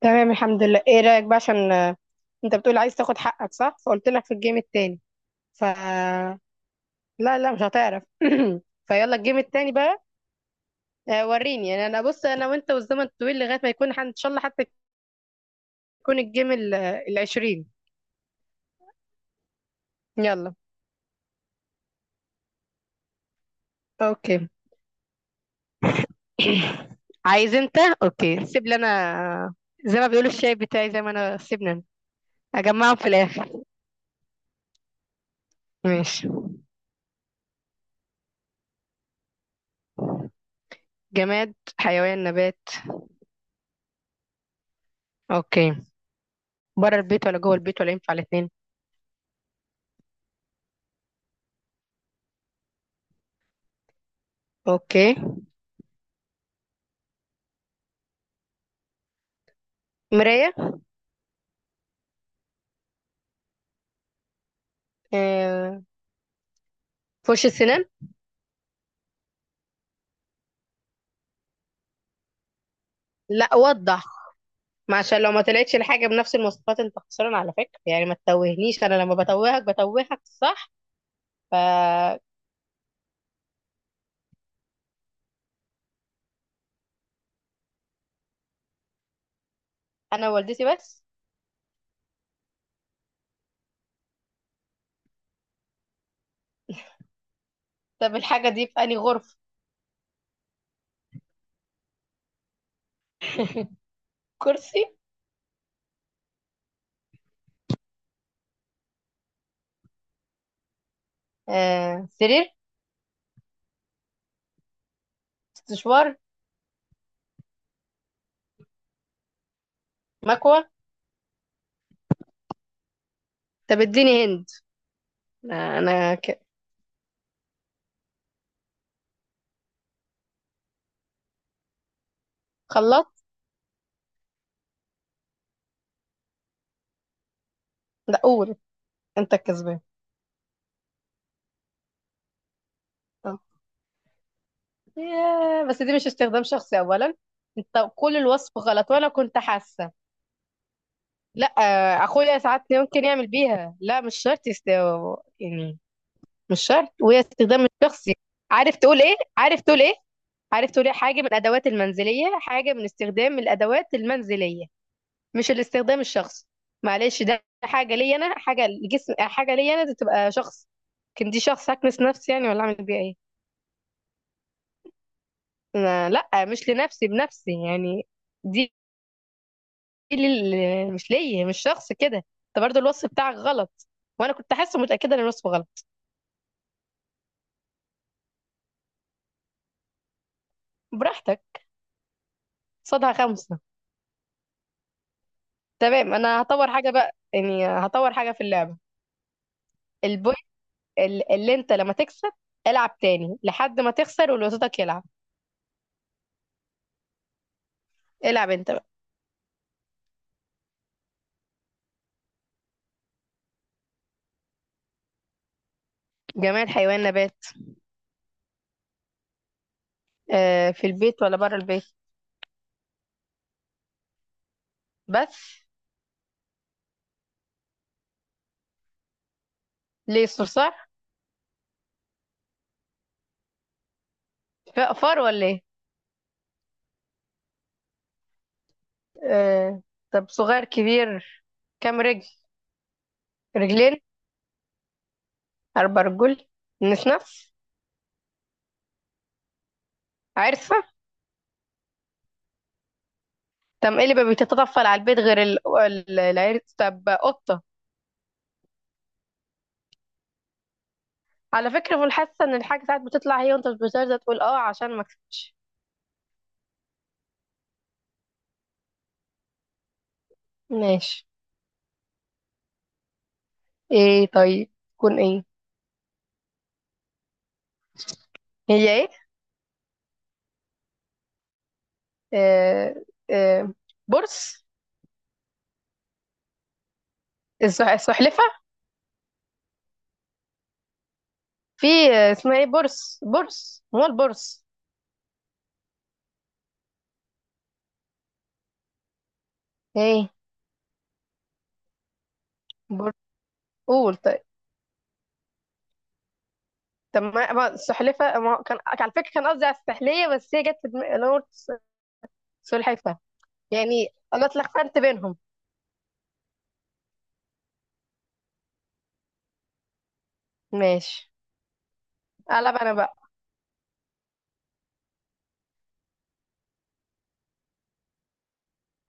تمام الحمد لله. ايه رأيك بقى عشان انت بتقول عايز تاخد حقك؟ صح، فقلت لك في الجيم التاني. ف لا لا، مش هتعرف فيلا الجيم التاني بقى. وريني يعني. انا بص، انا وانت والزمن طويل لغاية ما يكون ان شاء الله حتى يكون الجيم العشرين. يلا. اوكي عايز انت؟ اوكي، سيب لي انا. زي ما بيقولوا، الشاي بتاعي زي ما انا، سيبني انا اجمعهم في الاخر. ماشي. جماد، حيوان، نبات؟ اوكي. بره البيت ولا جوه البيت ولا ينفع الاتنين؟ اوكي. مراية. آه، فرش السنان. لا وضح. ما عشان لو ما طلعتش الحاجه بنفس المواصفات، انت خسران على فكره يعني. ما تتوهنيش، انا لما بتوهك بتوهك صح؟ فانا. والدتي بس. طب الحاجه دي في انهي غرفه؟ كرسي. سرير. استشوار. مكوه. طب اديني هند. انا خلاط. لا قول، انت الكسبان. آه. ياه، بس دي مش استخدام شخصي اولا. انت كل الوصف غلط وانا كنت حاسه. لا، اخويا ساعات ممكن يعمل بيها، لا مش شرط يعني. مش شرط وهي استخدام الشخصي. عارف تقول ايه، عارف تقول ايه، عارف تقول ايه، حاجه من الادوات المنزليه، حاجه من استخدام الادوات المنزليه، مش الاستخدام الشخصي. معلش، ده حاجه ليا انا، حاجه لجسم، حاجه ليا انا، دي تبقى شخص. لكن دي شخص هكنس نفسي يعني؟ ولا اعمل بيها ايه؟ لا مش لنفسي، بنفسي يعني. دي مش ليا، مش شخص كده. انت برضه الوصف بتاعك غلط وانا كنت حاسه متاكده ان الوصف غلط. براحتك. صدها خمسة. تمام، انا هطور حاجة بقى، يعني هطور حاجة في اللعبة. البوينت اللي انت لما تكسب، العب تاني لحد ما تخسر واللي قصادك يلعب. العب انت بقى. جماد، حيوان، نبات؟ آه، في البيت ولا بره البيت؟ بس ليه؟ صرصار. فار ولا ايه؟ آه. طب صغير كبير؟ كام رجل؟ رجلين، 4 رجول. نفس. عرسة. طب ايه اللي ما بيتطفل على البيت غير العرس؟ طب قطة. على فكرة، في الحاسة ان الحاجة ساعات بتطلع هي وانت مش بترضى تقول اه عشان ما اكسبش. ماشي. ايه طيب؟ تكون ايه؟ هي ايه؟ آه آه بورس. السحلفة. في، اسمها ايه؟ بورس، ما هو البورس؟ ايه بورس؟ قول طيب. طب ما السحلفة، ما هو كان على فكرة كان قصدي على السحلية، بس هي جت في دماغي انا قلت سلحفة يعني. انا اتلخبطت بينهم. ماشي. قلب انا بقى.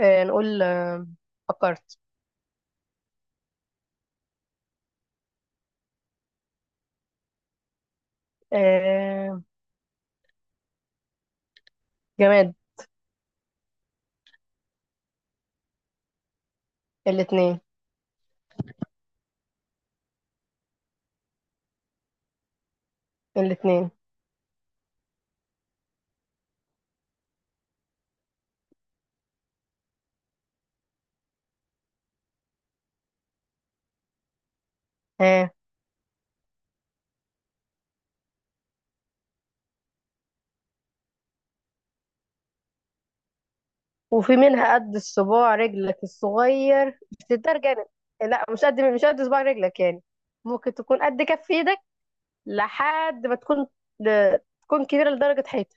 نقول. فكرت. آه جماد. الاتنين. الاتنين. ها. وفي منها قد الصباع رجلك الصغير، بس ده جانب. لا، مش قد، مش قد صباع رجلك يعني. ممكن تكون قد كف ايدك لحد ما تكون ل- تكون كبيرة لدرجة حيطة.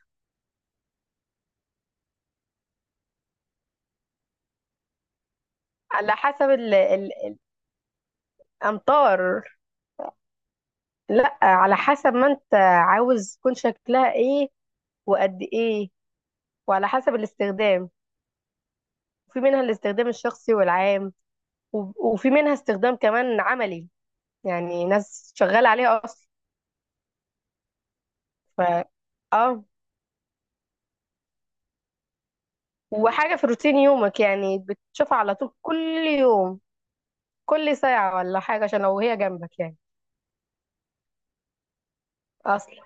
على حسب الأمطار. لا، على حسب ما انت عاوز تكون شكلها ايه، وقد ايه، وعلى حسب الاستخدام. في منها الاستخدام الشخصي والعام، وفي منها استخدام كمان عملي يعني. ناس شغالة عليها أصلا. ف اه. وحاجة في روتين يومك يعني، بتشوفها على طول كل يوم، كل ساعة، ولا حاجة عشان لو هي جنبك يعني. اصلا.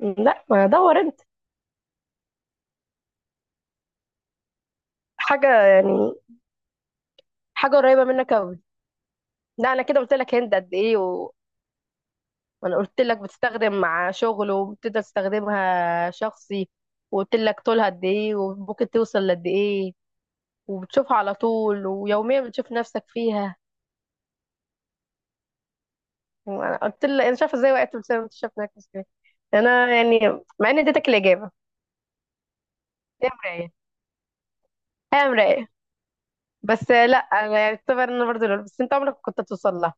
لا، ما دور انت. حاجة يعني، حاجة قريبة منك قوي. لا، انا كده قلت لك هند قد ايه وانا قلت لك بتستخدم مع شغل وبتقدر تستخدمها شخصي، وقلت لك طولها قد ايه وممكن توصل لقد ايه، وبتشوفها على طول ويوميا بتشوف نفسك فيها. انا قلت لها انا شايفه ازاي وقعت بسبب انت شايف انك ازاي، انا يعني، مع اني اديتك الاجابه. هي مرايه. هي مرايه. بس لا انا يعني اعتبر ان انا برضه لول، بس انت عمرك كنت توصل لها.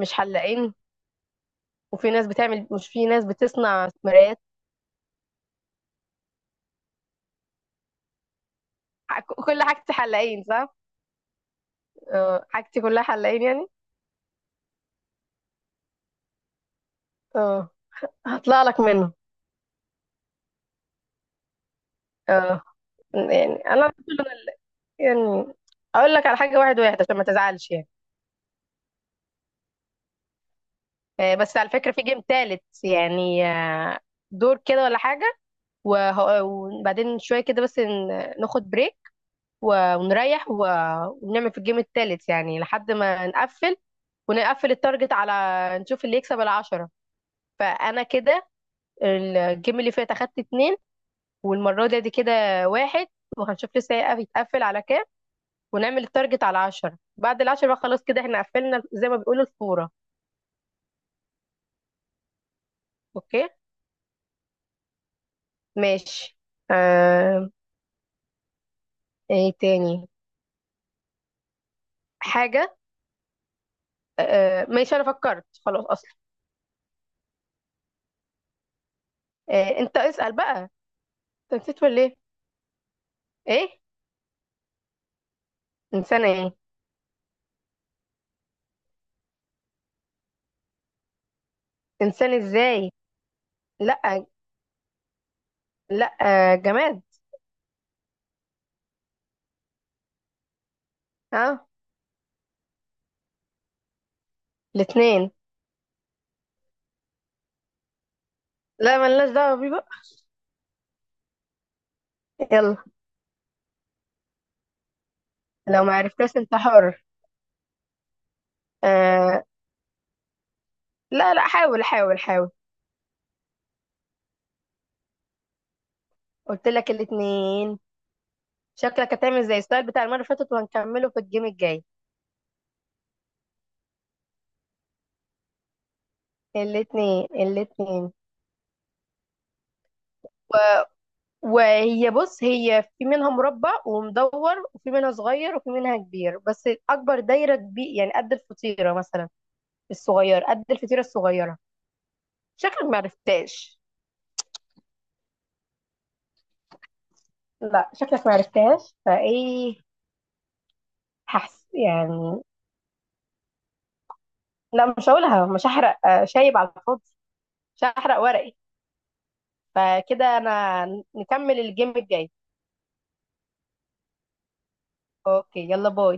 مش حلاقين، وفي ناس بتعمل، مش في ناس بتصنع مرايات. كل حاجتي حلاقين صح؟ اه، حاجتي كلها حلاقين يعني. اه، هطلع لك منه. اه، يعني انا برضو، أنا يعني اقول لك على حاجه واحد واحد عشان ما تزعلش يعني. بس على فكره في جيم تالت يعني، دور كده ولا حاجه، وبعدين شوية كده بس ناخد بريك ونريح ونعمل في الجيم التالت يعني لحد ما نقفل، ونقفل التارجت على نشوف اللي يكسب العشرة. فأنا كده الجيم اللي فات أخدت 2، والمرة دي كده واحد، وهنشوف لسه هيتقفل على كام. ونعمل التارجت على 10، بعد العشرة بقى خلاص كده احنا قفلنا، زي ما بيقولوا، الفورة. اوكي. ماشي. آه... ايه تاني حاجة؟ ماشي أنا فكرت خلاص أصلا. انت اسأل بقى. انت نسيت ولا ايه؟ ايه؟ انسانه ايه؟ انسان ازاي؟ لا، لا جماد. ها. الاتنين. لا، ملناش دعوه بيه بقى. يلا. لو ما عرفتش انت حر. آه، لا لا، حاول حاول حاول. قلت لك الاتنين. شكلك هتعمل زي السؤال بتاع المره اللي فاتت وهنكمله في الجيم الجاي. الاتنين، الاتنين. وهي بص، هي في منها مربع ومدور، وفي منها صغير وفي منها كبير، بس اكبر دايره كبير يعني قد الفطيره مثلا. الصغير قد الفطيره الصغيره. شكلك ما عرفتاش. لا، شكلك ما عرفتهاش فايه. هحس يعني. لا، مش هقولها، مش هحرق شايب على الفاضي. مش هحرق ورقي. فكده انا نكمل الجيم الجاي. اوكي يلا باي.